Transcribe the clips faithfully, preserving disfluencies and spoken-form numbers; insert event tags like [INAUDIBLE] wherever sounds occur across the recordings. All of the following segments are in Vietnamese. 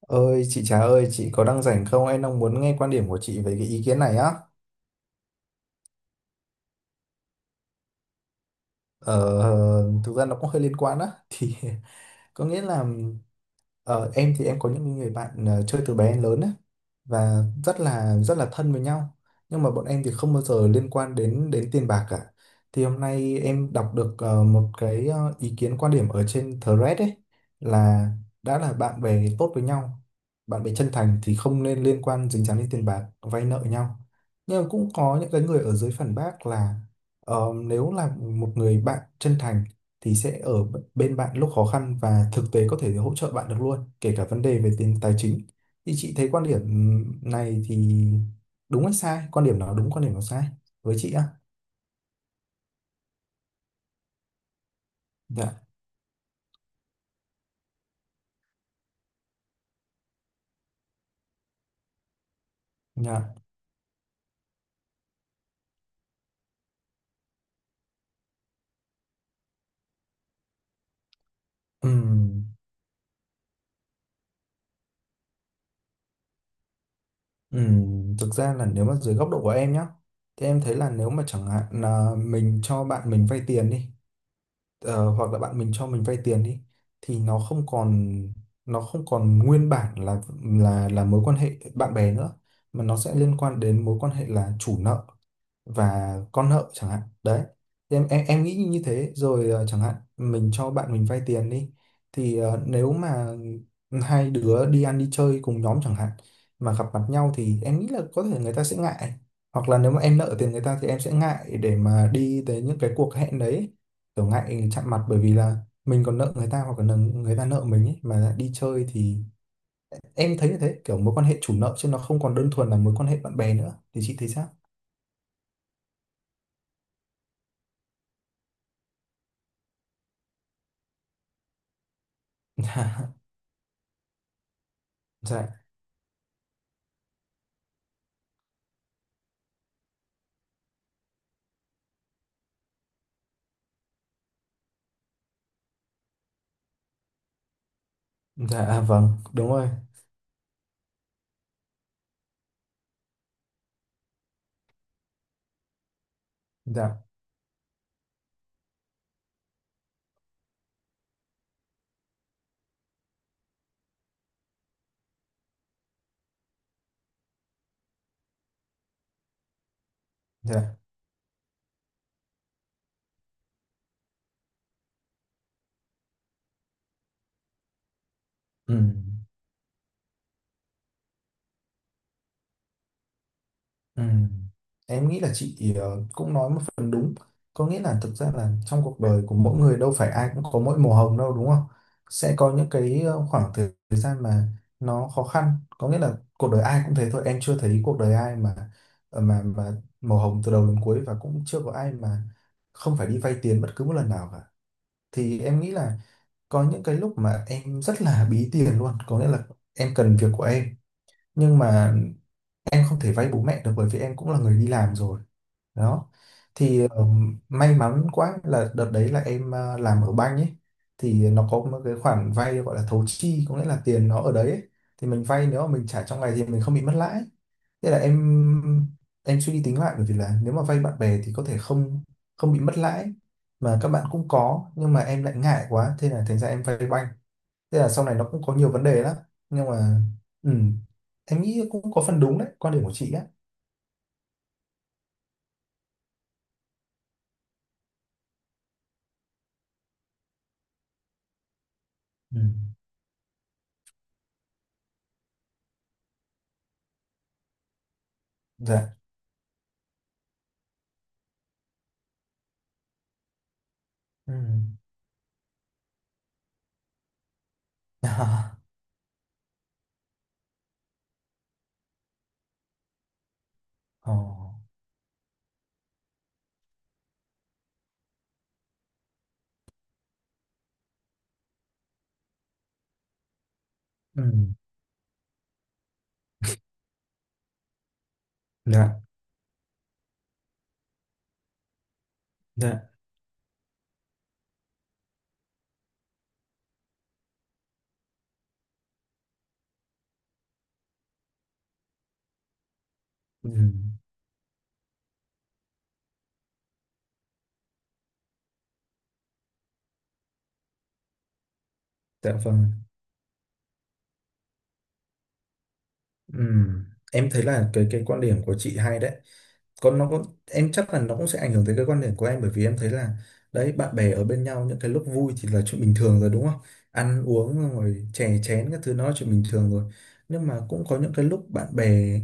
Ơi chị Trà ơi, chị có đang rảnh không? Em đang muốn nghe quan điểm của chị về cái ý kiến này á. Ờ, Thực ra nó cũng hơi liên quan á [LAUGHS] thì có nghĩa là ờ, em thì em có những người bạn ờ, chơi từ bé đến lớn á và rất là rất là thân với nhau, nhưng mà bọn em thì không bao giờ liên quan đến đến tiền bạc cả. Thì hôm nay em đọc được ờ, một cái ờ, ý kiến quan điểm ở trên thread ấy là đã là bạn bè tốt với nhau, bạn bè chân thành thì không nên liên quan dính dáng đến tiền bạc vay nợ nhau. Nhưng mà cũng có những cái người ở dưới phản bác là, ờ, nếu là một người bạn chân thành thì sẽ ở b- bên bạn lúc khó khăn và thực tế có thể hỗ trợ bạn được luôn, kể cả vấn đề về tiền tài chính. Thì chị thấy quan điểm này thì đúng hay sai? Quan điểm nào đúng, quan điểm nào sai với chị á? Dạ, dạ. Ừm, ừm, thực ra là nếu mà dưới góc độ của em nhá, thì em thấy là nếu mà chẳng hạn là mình cho bạn mình vay tiền đi, ờ, hoặc là bạn mình cho mình vay tiền đi, thì nó không còn nó không còn nguyên bản là là là mối quan hệ bạn bè nữa, mà nó sẽ liên quan đến mối quan hệ là chủ nợ và con nợ chẳng hạn đấy. Thì em em, em nghĩ như thế rồi. Ờ, chẳng hạn mình cho bạn mình vay tiền đi thì ờ, nếu mà hai đứa đi ăn đi chơi cùng nhóm chẳng hạn mà gặp mặt nhau thì em nghĩ là có thể người ta sẽ ngại, hoặc là nếu mà em nợ tiền người ta thì em sẽ ngại để mà đi tới những cái cuộc hẹn đấy, kiểu ngại chạm mặt, bởi vì là mình còn nợ người ta hoặc là người ta nợ mình ấy mà lại đi chơi thì em thấy như thế, kiểu mối quan hệ chủ nợ chứ nó không còn đơn thuần là mối quan hệ bạn bè nữa. Thì chị thấy sao? [LAUGHS] Dạ. Dạ, à, vâng đúng rồi. Dạ. Dạ. Ừ. Ừ. Em nghĩ là chị ờ, cũng nói một phần đúng. Có nghĩa là thực ra là trong cuộc đời của mỗi người đâu phải ai cũng có mỗi màu hồng đâu, đúng không? Sẽ có những cái ờ, khoảng thời thời gian mà nó khó khăn. Có nghĩa là cuộc đời ai cũng thế thôi. Em chưa thấy cuộc đời ai mà ờ, mà mà màu hồng từ đầu đến cuối, và cũng chưa có ai mà không phải đi vay tiền bất cứ một lần nào cả. Thì em nghĩ là có những cái lúc mà em rất là bí tiền luôn. Có nghĩa là em cần việc của em, nhưng mà em không thể vay bố mẹ được bởi vì em cũng là người đi làm rồi đó. Thì ừm, may mắn quá là đợt đấy là em ờ, làm ở banh ấy, thì nó có một cái khoản vay gọi là thấu chi, có nghĩa là tiền nó ở đấy ấy. Thì mình vay, nếu mà mình trả trong ngày thì mình không bị mất lãi. Thế là em em suy đi tính lại, bởi vì là nếu mà vay bạn bè thì có thể không không bị mất lãi mà các bạn cũng có, nhưng mà em lại ngại quá, thế là thành ra em vay banh. Thế là sau này nó cũng có nhiều vấn đề lắm, nhưng mà ừ, em nghĩ cũng có phần đúng đấy quan điểm của chị á. Ừ. Dạ. Ừ. [LAUGHS] À. Ờ. Ừ. Dạ. Dạ. Ừ. Dạ vâng. Ừ. Em thấy là cái cái quan điểm của chị hay đấy. Còn nó có, em chắc là nó cũng sẽ ảnh hưởng tới cái quan điểm của em, bởi vì em thấy là đấy bạn bè ở bên nhau những cái lúc vui thì là chuyện bình thường rồi đúng không, ăn uống rồi chè chén các thứ nó là chuyện bình thường rồi, nhưng mà cũng có những cái lúc bạn bè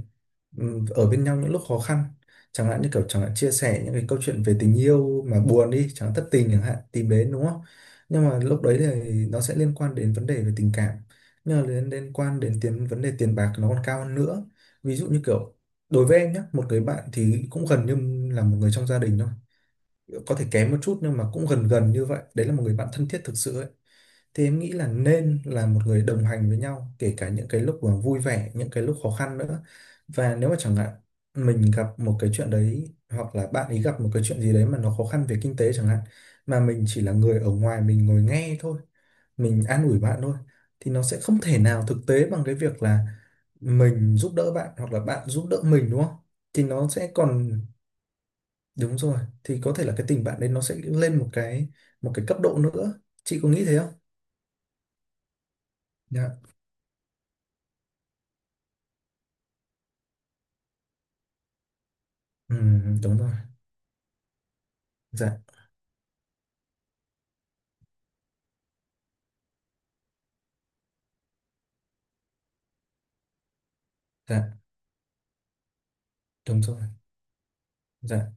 ừm, ở bên nhau những lúc khó khăn, chẳng hạn như kiểu chẳng hạn chia sẻ những cái câu chuyện về tình yêu mà buồn đi chẳng hạn, thất tình chẳng hạn, tìm đến đúng không. Nhưng mà lúc đấy thì nó sẽ liên quan đến vấn đề về tình cảm, nhưng mà liên liên quan đến tiền, vấn đề tiền bạc nó còn cao hơn nữa. Ví dụ như kiểu đối với em nhé, một người bạn thì cũng gần như là một người trong gia đình thôi, có thể kém một chút nhưng mà cũng gần gần như vậy đấy, là một người bạn thân thiết thực sự ấy, thì em nghĩ là nên là một người đồng hành với nhau kể cả những cái lúc mà vui vẻ, những cái lúc khó khăn nữa. Và nếu mà chẳng hạn mình gặp một cái chuyện đấy, hoặc là bạn ấy gặp một cái chuyện gì đấy mà nó khó khăn về kinh tế chẳng hạn, mà mình chỉ là người ở ngoài, mình ngồi nghe thôi, mình an ủi bạn thôi, thì nó sẽ không thể nào thực tế bằng cái việc là mình giúp đỡ bạn hoặc là bạn giúp đỡ mình đúng không. Thì nó sẽ còn đúng rồi, thì có thể là cái tình bạn đấy nó sẽ lên một cái, một cái cấp độ nữa, chị có nghĩ thế không? Ừ, đúng rồi. Dạ, dạ, đúng rồi. Dạ,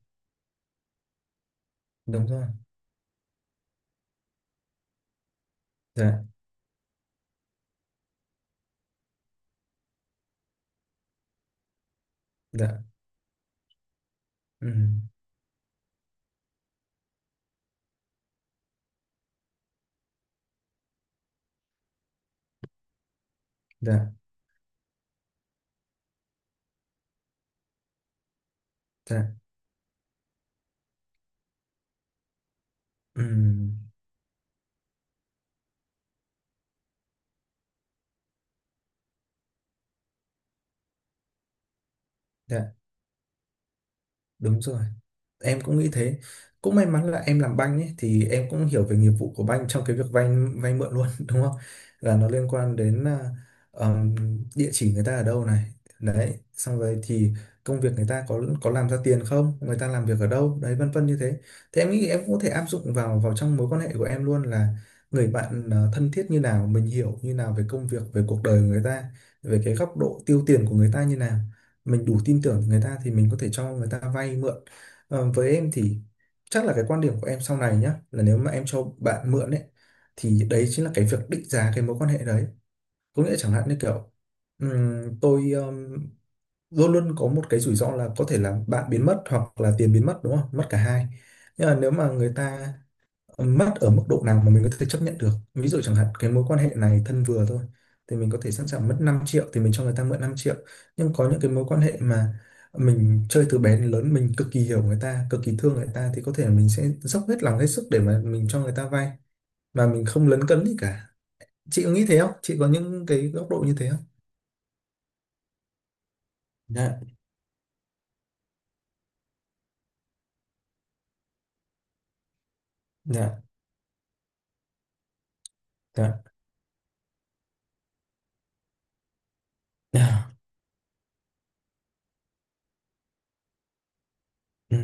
đúng rồi. Dạ, dạ. Ừ, dạ, dạ. Ừ, dạ, đúng rồi. Em cũng nghĩ thế. Cũng may mắn là em làm banh ấy thì em cũng hiểu về nghiệp vụ của banh trong cái việc vay, vay mượn luôn [LAUGHS] đúng không, là nó liên quan đến à, ờm, địa chỉ người ta ở đâu này, đấy xong rồi thì công việc người ta có có làm ra tiền không, người ta làm việc ở đâu đấy, vân vân như thế. Thế em nghĩ em cũng có thể áp dụng vào vào trong mối quan hệ của em luôn, là người bạn ờ, thân thiết như nào, mình hiểu như nào về công việc, về cuộc đời của người ta, về cái góc độ tiêu tiền của người ta như nào, mình đủ tin tưởng người ta thì mình có thể cho người ta vay mượn. Ờ, với em thì chắc là cái quan điểm của em sau này nhá, là nếu mà em cho bạn mượn ấy, thì đấy chính là cái việc định giá cái mối quan hệ đấy. Có nghĩa chẳng hạn như kiểu ừm, tôi ừm, luôn luôn có một cái rủi ro là có thể là bạn biến mất hoặc là tiền biến mất đúng không, mất cả hai. Nhưng mà nếu mà người ta mất ở mức độ nào mà mình có thể chấp nhận được, ví dụ chẳng hạn cái mối quan hệ này thân vừa thôi thì mình có thể sẵn sàng mất năm triệu thì mình cho người ta mượn năm triệu. Nhưng có những cái mối quan hệ mà mình chơi từ bé đến lớn, mình cực kỳ hiểu người ta, cực kỳ thương người ta, thì có thể mình sẽ dốc hết lòng hết sức để mà mình cho người ta vay mà mình không lấn cấn gì cả. Chị có nghĩ thế không, chị có những cái góc độ như thế không? Dạ. Dạ. Dạ. Dạ. Ừ,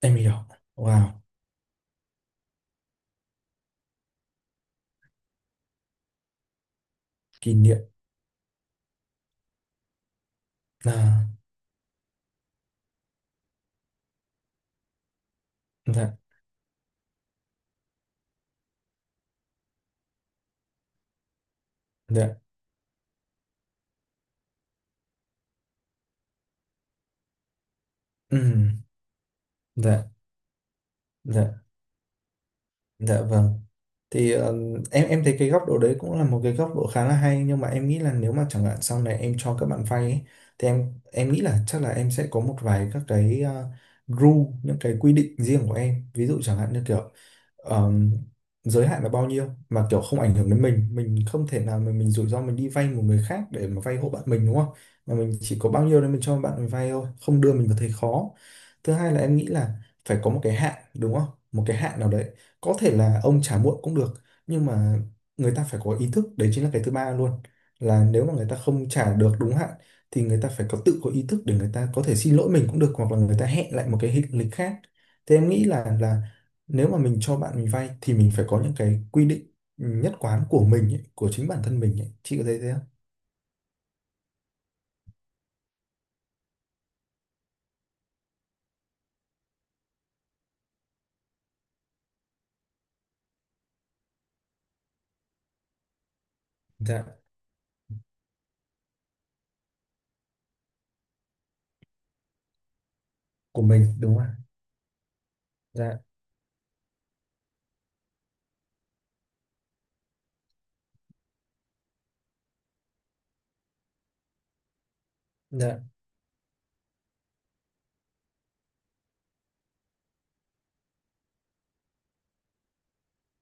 em hiểu. Wow. Kỷ niệm. Là. Dạ. Dạ. Ừ, dạ. Dạ. Dạ vâng. Thì ờ, em em thấy cái góc độ đấy cũng là một cái góc độ khá là hay, nhưng mà em nghĩ là nếu mà chẳng hạn sau này em cho các bạn vay ấy, thì em em nghĩ là chắc là em sẽ có một vài các cái ờ, rule, những cái quy định riêng của em, ví dụ chẳng hạn như kiểu ờm, giới hạn là bao nhiêu mà kiểu không ảnh hưởng đến mình mình không thể nào mà mình rủi ro, mình đi vay một người khác để mà vay hộ bạn mình đúng không, mà mình chỉ có bao nhiêu đấy mình cho bạn mình vay thôi, không đưa mình vào thế khó. Thứ hai là em nghĩ là phải có một cái hạn đúng không, một cái hạn nào đấy, có thể là ông trả muộn cũng được, nhưng mà người ta phải có ý thức, đấy chính là cái thứ ba luôn, là nếu mà người ta không trả được đúng hạn thì người ta phải có tự có ý thức để người ta có thể xin lỗi mình cũng được, hoặc là người ta hẹn lại một cái hình- lịch khác. Thế em nghĩ là là nếu mà mình cho bạn mình vay thì mình phải có những cái quy định nhất quán của mình ấy, của chính bản thân mình ấy. Chị có thấy thế không? Dạ. Của mình đúng không. Dạ. Dạ,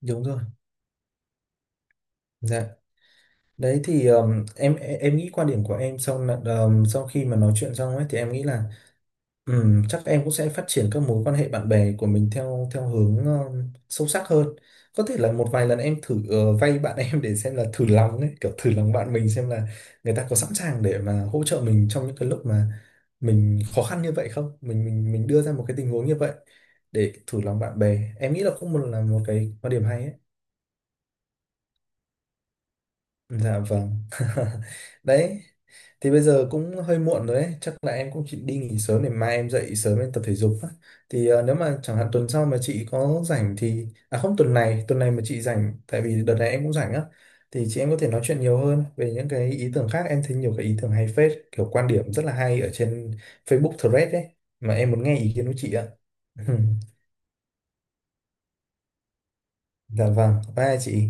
đúng rồi. Dạ. Đấy, thì um, em em em nghĩ quan điểm của em sau là- um, sau khi mà nói chuyện xong ấy thì em nghĩ là ừ, chắc em cũng sẽ phát triển các mối quan hệ bạn bè của mình theo theo hướng ờ, sâu sắc hơn. Có thể là một vài lần em thử ờ, vay bạn [LAUGHS] em, để xem là thử lòng đấy, kiểu thử lòng bạn mình xem là người ta có sẵn sàng để mà hỗ trợ mình trong những cái lúc mà mình khó khăn như vậy không? Mình mình mình đưa ra một cái tình huống như vậy để thử lòng bạn bè. Em nghĩ là cũng một là một cái quan điểm hay ấy. Dạ vâng. [LAUGHS] Đấy, thì bây giờ cũng hơi muộn rồi đấy, chắc là em cũng chỉ đi nghỉ sớm để mai em dậy sớm em tập thể dục á. Thì ờ, nếu mà chẳng hạn tuần sau mà chị có rảnh thì à không, tuần này, tuần này mà chị rảnh tại vì đợt này em cũng rảnh á, thì chị em có thể nói chuyện nhiều hơn về những cái ý tưởng khác. Em thấy nhiều cái ý tưởng hay phết, kiểu quan điểm rất là hay ở trên Facebook Thread đấy, mà em muốn nghe ý kiến của chị ạ. [LAUGHS] Dạ vâng, bye chị.